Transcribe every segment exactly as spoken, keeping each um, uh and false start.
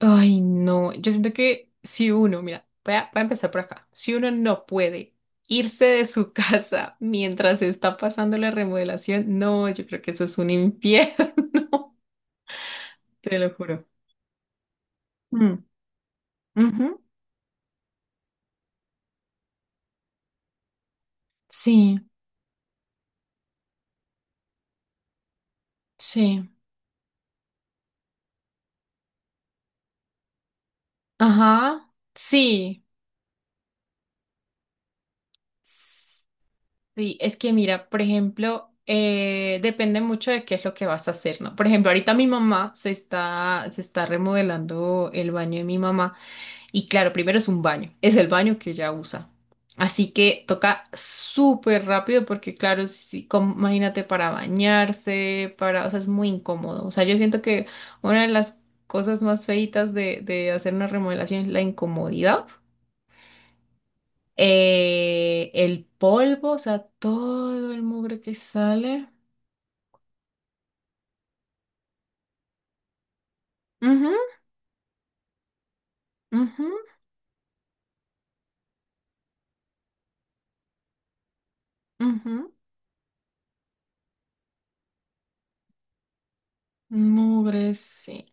Ay, no, yo siento que si uno, mira, voy a, voy a empezar por acá, si uno no puede irse de su casa mientras está pasando la remodelación, no, yo creo que eso es un infierno, te lo juro. Mm, ujú. Sí, sí, ajá, sí, sí, es que mira, por ejemplo, eh, depende mucho de qué es lo que vas a hacer, ¿no? Por ejemplo, ahorita mi mamá se está, se está remodelando el baño de mi mamá. Y claro, primero es un baño, es el baño que ella usa. Así que toca súper rápido porque claro, si, si, com- imagínate para bañarse, para, o sea, es muy incómodo. O sea, yo siento que una de las cosas más feitas de, de hacer una remodelación es la incomodidad. Eh, el polvo, o sea, todo el mugre que sale. Ujú, ujú, ujú. Mugre, sí.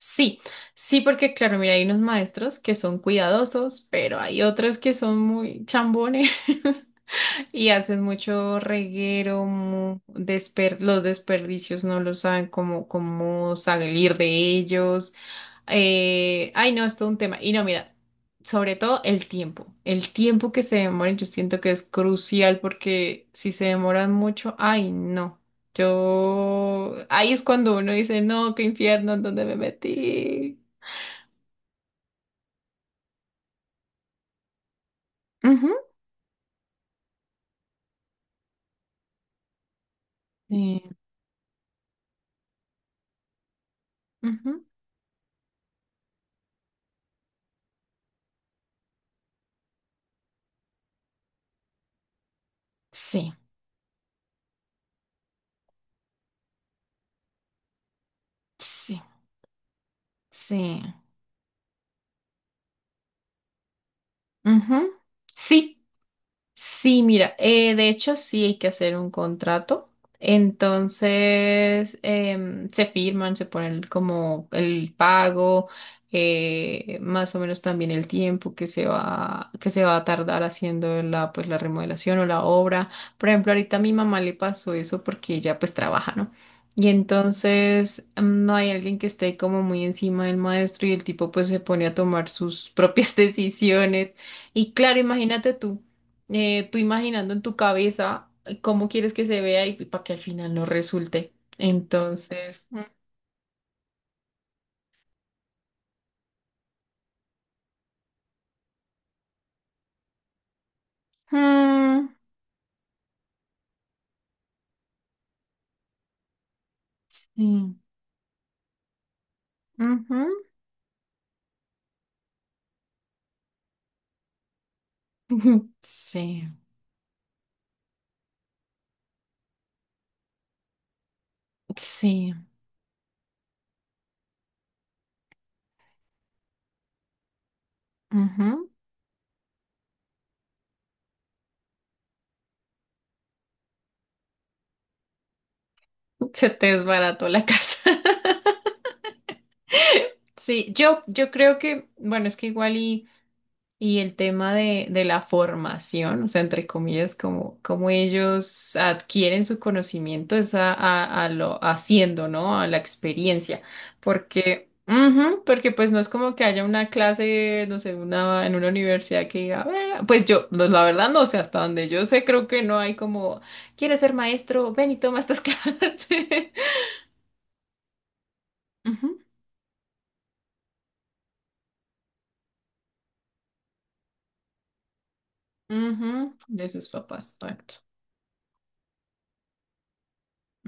Sí, sí, porque claro, mira, hay unos maestros que son cuidadosos, pero hay otros que son muy chambones. Y hacen mucho reguero, mu- desper- los desperdicios no lo saben cómo, cómo salir de ellos. Eh, ay, no, es todo un tema. Y no, mira, sobre todo el tiempo. El tiempo que se demoran, yo siento que es crucial porque si se demoran mucho, ay, no. Yo, ahí es cuando uno dice, no, qué infierno, ¿en dónde me metí? Ujú. Sí, ujú. Sí, sí, sí. Ujú. Sí. Sí, mira, eh, de hecho sí hay que hacer un contrato. Entonces em, se firman, se ponen como el pago, eh, más o menos también el tiempo que se va, que se va a tardar haciendo la, pues, la remodelación o la obra. Por ejemplo, ahorita a mi mamá le pasó eso porque ella pues trabaja, ¿no? Y entonces mm, no hay alguien que esté como muy encima del maestro y el tipo pues se pone a tomar sus propias decisiones. Y claro, imagínate tú eh, tú imaginando en tu cabeza cómo quieres que se vea y para que al final no resulte. Entonces, ujú, sí, ujú, sí, sí, ujú. Se te desbarató la casa. Sí, yo, yo creo que, bueno, es que igual y. Y el tema de, de la formación, o sea, entre comillas, como, como ellos adquieren su conocimiento es a, a- a lo haciendo, ¿no? A la experiencia. Porque, ujú, porque pues no es como que haya una clase, no sé, una, en una universidad que diga, "A ver", pues yo, no, la verdad no sé, hasta donde yo sé, creo que no hay como, ¿quieres ser maestro? Ven y toma estas clases. Ujú, ujú, de sus papás, exacto.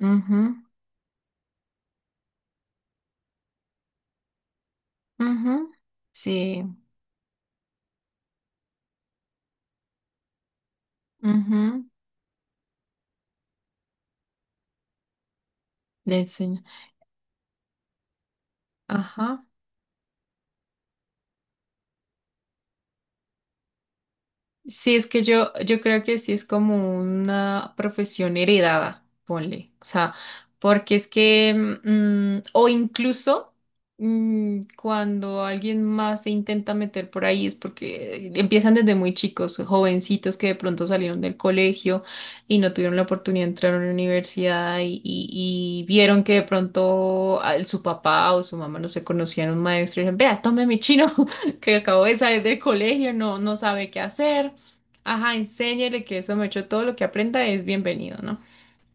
Ujú, ujú, sí. Ujú. Le enseña. Ajá. Sí, es que yo, yo creo que sí es como una profesión heredada, ponle. O sea, porque es que, mm, mm, o incluso mm, cuando alguien más se intenta meter por ahí es porque empiezan desde muy chicos, jovencitos que de pronto salieron del colegio y no tuvieron la oportunidad de entrar a una universidad y, y- y vieron que de pronto al- su papá o su mamá no se conocían, un maestro y dijeron, vea, tome mi chino que acabo de salir del colegio, no, no sabe qué hacer. Ajá, enséñele que eso me echó todo lo que aprenda es bienvenido, ¿no?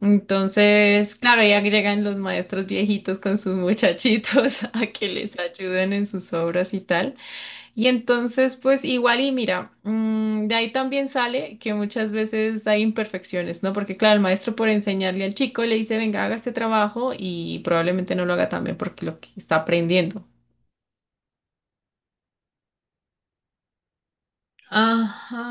Entonces, claro, ya llegan los maestros viejitos con sus muchachitos a que les ayuden en sus obras y tal. Y entonces, pues igual y mira, mm, de ahí también sale que muchas veces hay imperfecciones, ¿no? Porque claro, el maestro por enseñarle al chico le dice, venga, haga este trabajo y probablemente no lo haga tan bien porque lo que está aprendiendo. Ajá.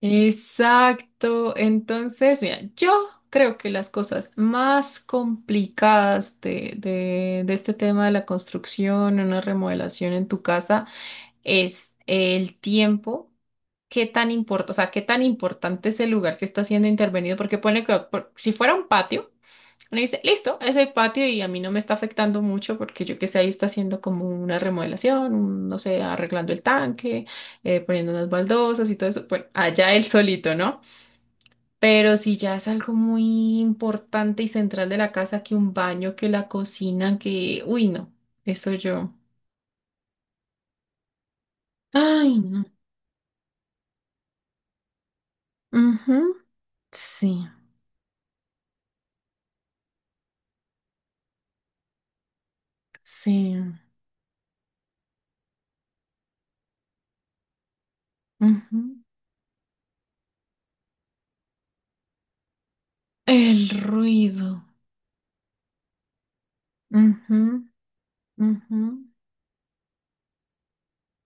Exacto. Entonces, mira, yo creo que las cosas más complicadas de, de- de este tema de la construcción, una remodelación en tu casa, es el tiempo. ¿Qué tan import- o sea, qué tan importante es el lugar que está siendo intervenido? Porque pone que por- si fuera un patio. Uno dice, listo, es el patio y a mí no me está afectando mucho porque yo que sé, ahí está haciendo como una remodelación, un- no sé, arreglando el tanque, eh, poniendo unas baldosas y todo eso. Bueno, allá él solito, ¿no? Pero si ya es algo muy importante y central de la casa, que un baño, que la cocina, que. Uy, no, eso yo. Ay, no. Ujú, sí, sí. Ujú. El ruido. Ujú, ujú.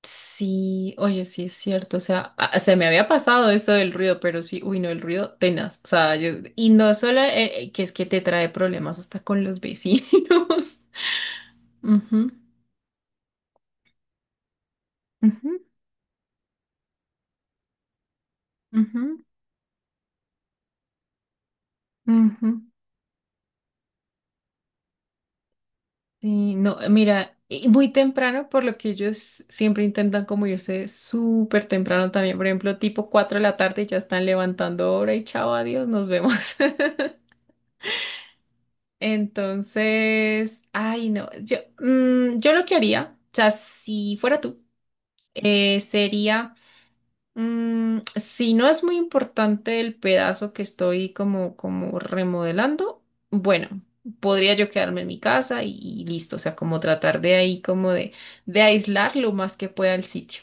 Sí, oye, sí es cierto, o sea, a- se me había pasado eso del ruido, pero sí, uy, no, el ruido tenaz, o sea, yo, y no solo eh, eh, que es que te trae problemas hasta con los vecinos. Ujú, ujú, ujú, ujú. Sí, no, mira, y muy temprano, por lo que ellos siempre intentan como irse súper temprano también, por ejemplo, tipo cuatro de la tarde ya están levantando hora y chao, adiós, nos vemos. Entonces, ay, no, yo, mm, yo lo que haría, o sea, si fuera tú, eh, sería, mm, si no es muy importante el pedazo que estoy como, como remodelando, bueno, podría yo quedarme en mi casa y, y listo, o sea, como tratar de ahí, como de, de aislar lo más que pueda el sitio.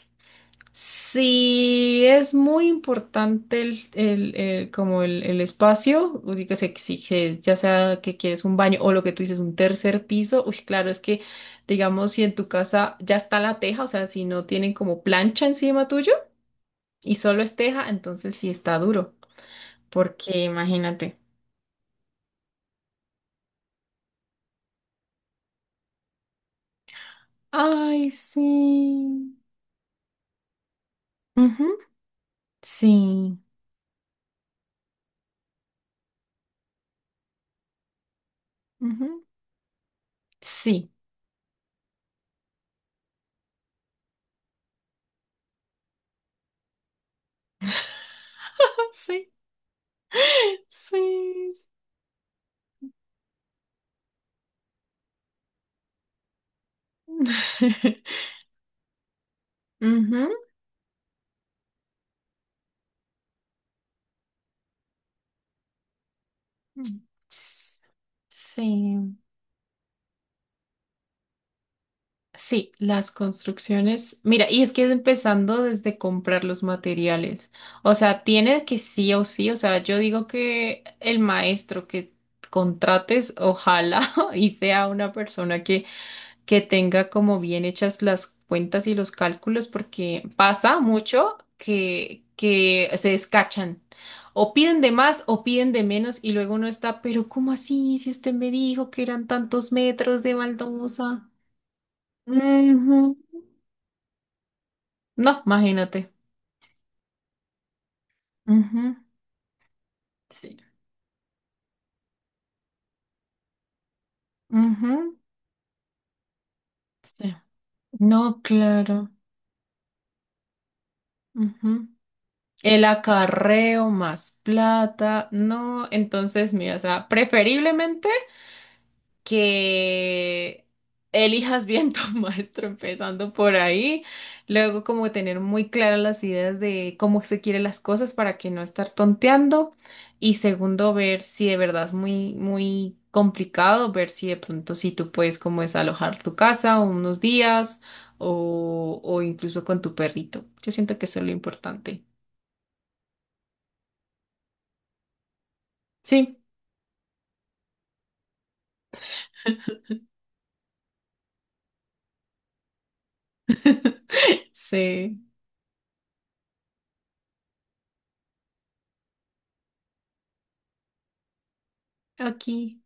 Sí, es muy importante el, el- el- como el, el espacio, uy, que se exige, ya sea que quieres un baño o lo que tú dices, un tercer piso. Uy, claro, es que, digamos, si en tu casa ya está la teja, o sea, si no tienen como plancha encima tuyo y solo es teja, entonces sí está duro, porque imagínate. Ay, sí. Ujú, sí. Ujú, sí. Sí, sí. Ujú. Mm. Sí, sí, las construcciones. Mira, y es que empezando desde comprar los materiales. O sea, tiene que sí o sí. O sea, yo digo que el maestro que contrates, ojalá y sea una persona que que tenga como bien hechas las cuentas y los cálculos, porque pasa mucho que, que se descachan. O piden de más o piden de menos y luego uno está, pero ¿cómo así? Si usted me dijo que eran tantos metros de baldosa. Ujú. No, imagínate. Ujú. Sí. Ujú. Sí. No, claro. Ujú. El acarreo más plata, no, entonces, mira, o sea, preferiblemente que elijas bien tu maestro empezando por ahí, luego como tener muy claras las ideas de cómo se quiere las cosas para que no estar tonteando, y segundo ver si de verdad es muy muy complicado, ver si de pronto si tú puedes como desalojar tu casa unos días, o o incluso con tu perrito, yo siento que eso es lo importante. Sí, sé aquí.